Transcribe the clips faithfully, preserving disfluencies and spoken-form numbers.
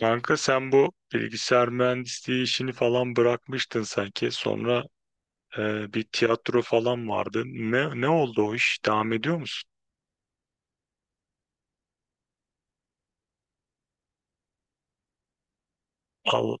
Kanka sen bu bilgisayar mühendisliği işini falan bırakmıştın sanki. Sonra e, bir tiyatro falan vardı. Ne ne oldu o iş? Devam ediyor musun? Al,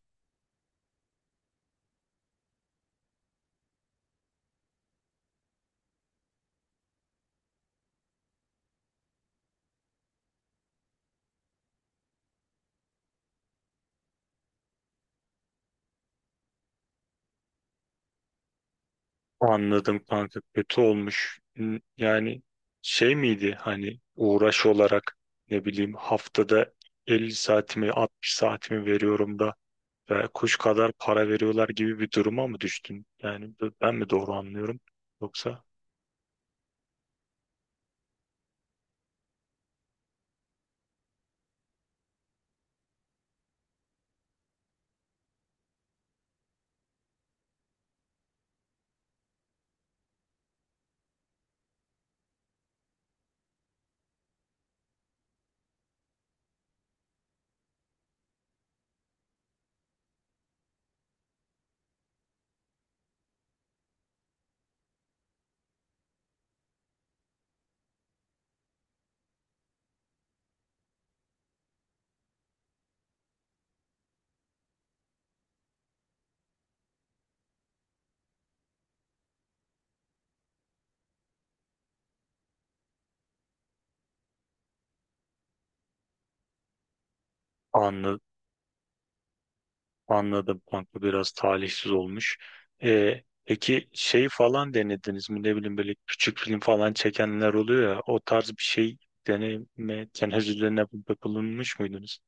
anladım kanka. Kötü olmuş. N- Yani şey miydi hani uğraş olarak ne bileyim haftada elli saatimi altmış saatimi veriyorum da ve kuş kadar para veriyorlar gibi bir duruma mı düştün? Yani b- ben mi doğru anlıyorum? Yoksa anladım kanka, biraz talihsiz olmuş. Ee, peki şey falan denediniz mi, ne bileyim böyle küçük film falan çekenler oluyor ya, o tarz bir şey deneme tenezzüllerine bulunmuş muydunuz?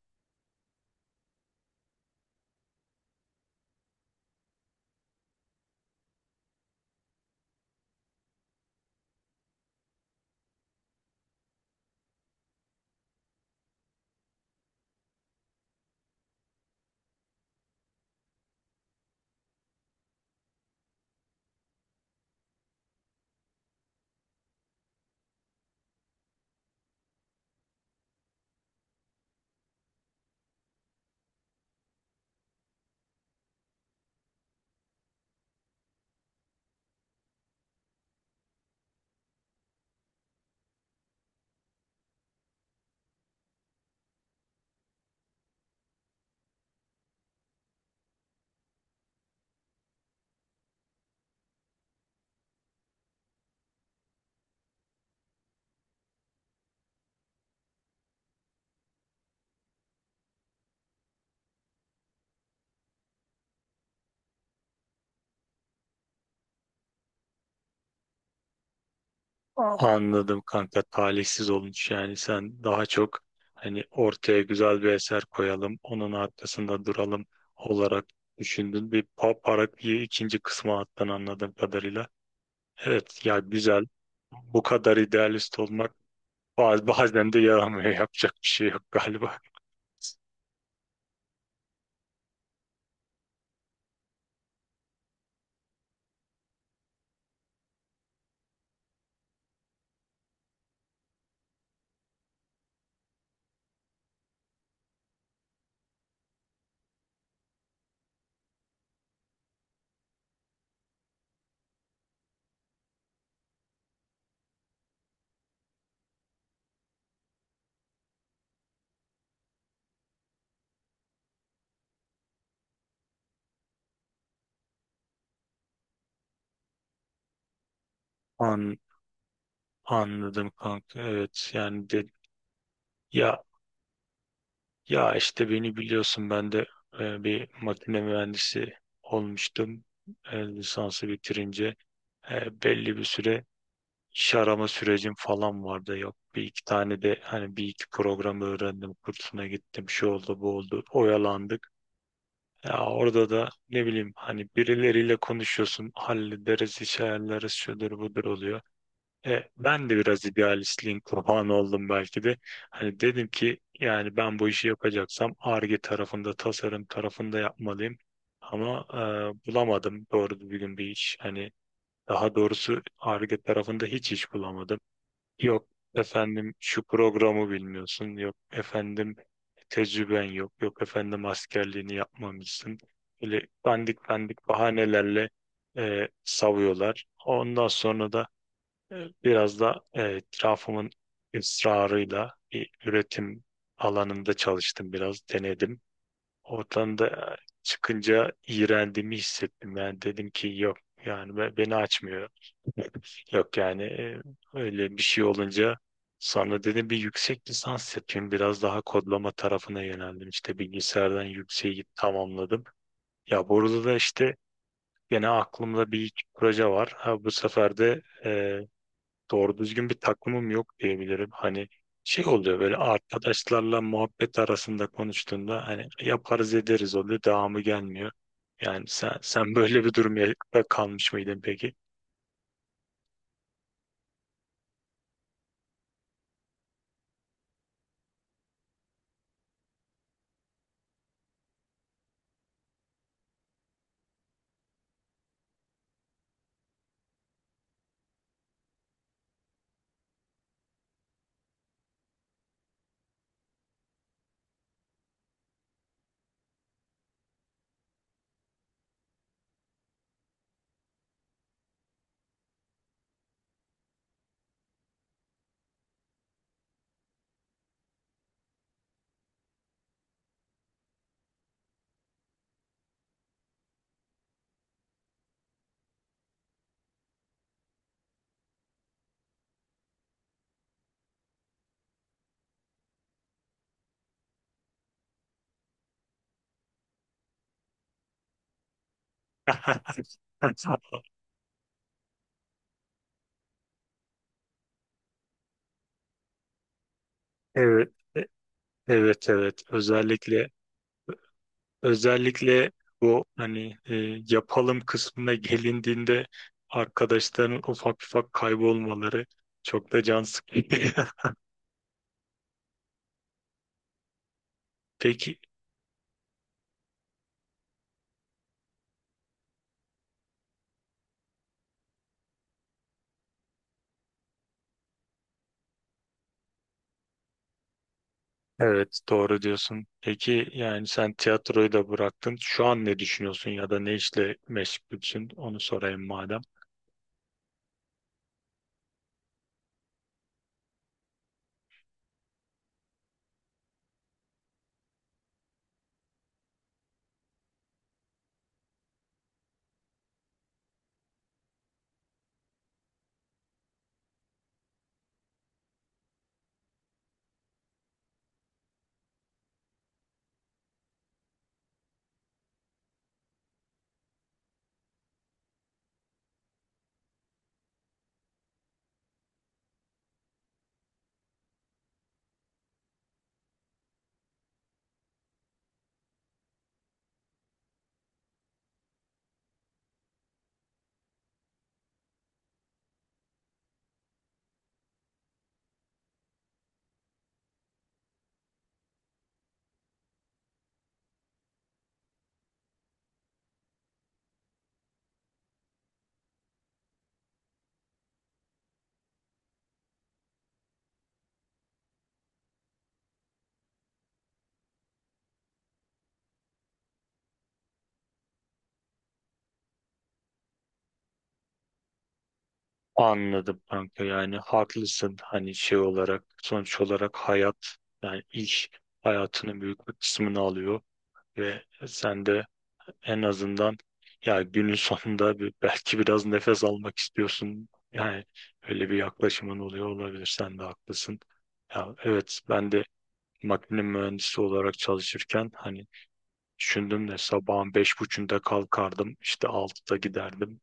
Aa, anladım kanka, talihsiz olmuş. Yani sen daha çok hani ortaya güzel bir eser koyalım, onun arkasında duralım olarak düşündün, bir pa- para bir ikinci kısma attın anladığım kadarıyla. Evet ya, güzel, bu kadar idealist olmak Baz- bazen de yaramıyor. Yapacak bir şey yok galiba. An, Anladım kanka. Evet, yani de, ya ya işte beni biliyorsun, ben de e, bir makine mühendisi olmuştum. E, lisansı bitirince E, belli bir süre iş arama sürecim falan vardı. Yok, bir iki tane de hani bir iki programı öğrendim, kursuna gittim. Şu oldu, bu oldu, oyalandık. Ya orada da ne bileyim, hani birileriyle konuşuyorsun, hallederiz, iş ayarlarız, şudur budur oluyor. E, ben de biraz idealistliğin kurbanı oldum belki de. Hani dedim ki, yani ben bu işi yapacaksam Ar-Ge tarafında, tasarım tarafında yapmalıyım. Ama e, bulamadım doğru düzgün bir iş. Hani, daha doğrusu Ar-Ge tarafında hiç iş bulamadım. Yok efendim, şu programı bilmiyorsun. Yok efendim, tecrüben yok. Yok efendim, askerliğini yapmamışsın. Böyle dandik dandik bahanelerle e, savuyorlar. Ondan sonra da biraz da e, etrafımın ısrarıyla bir üretim alanında çalıştım, biraz denedim. Oradan da e, çıkınca iğrendiğimi hissettim. Yani dedim ki, yok yani be- beni açmıyor. Yok yani, e, öyle bir şey olunca sonra dedim bir yüksek lisans yapayım. Biraz daha kodlama tarafına yöneldim. İşte bilgisayardan yükseği tamamladım. Ya burada da işte gene aklımda bir iki proje var. Ha, bu sefer de e, doğru düzgün bir takımım yok diyebilirim. Hani şey oluyor, böyle arkadaşlarla muhabbet arasında konuştuğunda hani yaparız ederiz oluyor, devamı gelmiyor. Yani sen, sen böyle bir durumda kalmış mıydın peki? Evet, e- evet, evet. Özellikle özellikle bu hani e, yapalım kısmına gelindiğinde arkadaşların ufak ufak kaybolmaları çok da can sıkıcı. Peki Evet, doğru diyorsun. Peki yani sen tiyatroyu da bıraktın. Şu an ne düşünüyorsun ya da ne işle meşgulsün? Onu sorayım madem. Anladım kanka, yani haklısın, hani şey olarak, sonuç olarak hayat, yani iş hayatının büyük bir kısmını alıyor ve sen de en azından, ya günün sonunda bir, belki biraz nefes almak istiyorsun. Yani öyle bir yaklaşımın oluyor olabilir, sen de haklısın. Ya evet, ben de makine mühendisi olarak çalışırken hani düşündüm de sabahın beş buçuğunda kalkardım, işte altıda giderdim,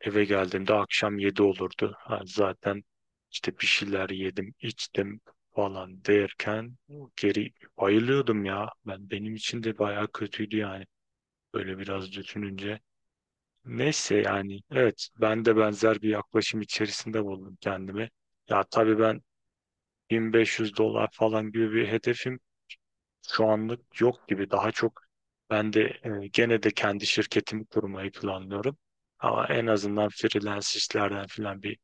eve geldiğimde akşam yedi olurdu. Ha, zaten işte bir şeyler yedim içtim falan derken geri bayılıyordum ya. Ben, benim için de bayağı kötüydü yani, böyle biraz düşününce. Neyse, yani evet, ben de benzer bir yaklaşım içerisinde buldum kendimi. Ya tabii ben bin beş yüz dolar falan gibi bir hedefim şu anlık yok gibi. Daha çok ben de e, gene de kendi şirketimi kurmayı planlıyorum. Ama en azından freelance işlerden filan bir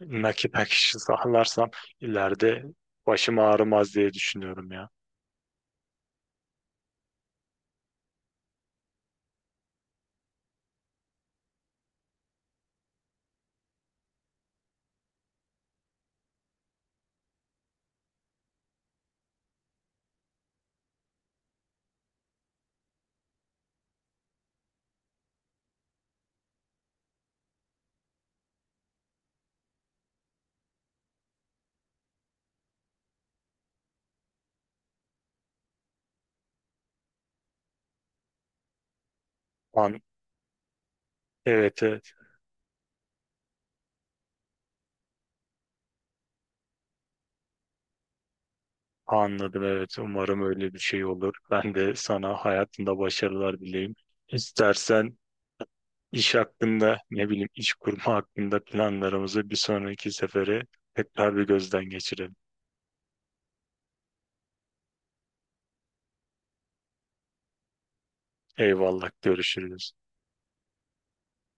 nakit akışı sağlarsam ileride başım ağrımaz diye düşünüyorum ya. An evet, evet, anladım. Evet, umarım öyle bir şey olur. Ben de sana hayatında başarılar dileyim. İstersen iş hakkında, ne bileyim, iş kurma hakkında planlarımızı bir sonraki sefere tekrar bir gözden geçirelim. Eyvallah, görüşürüz.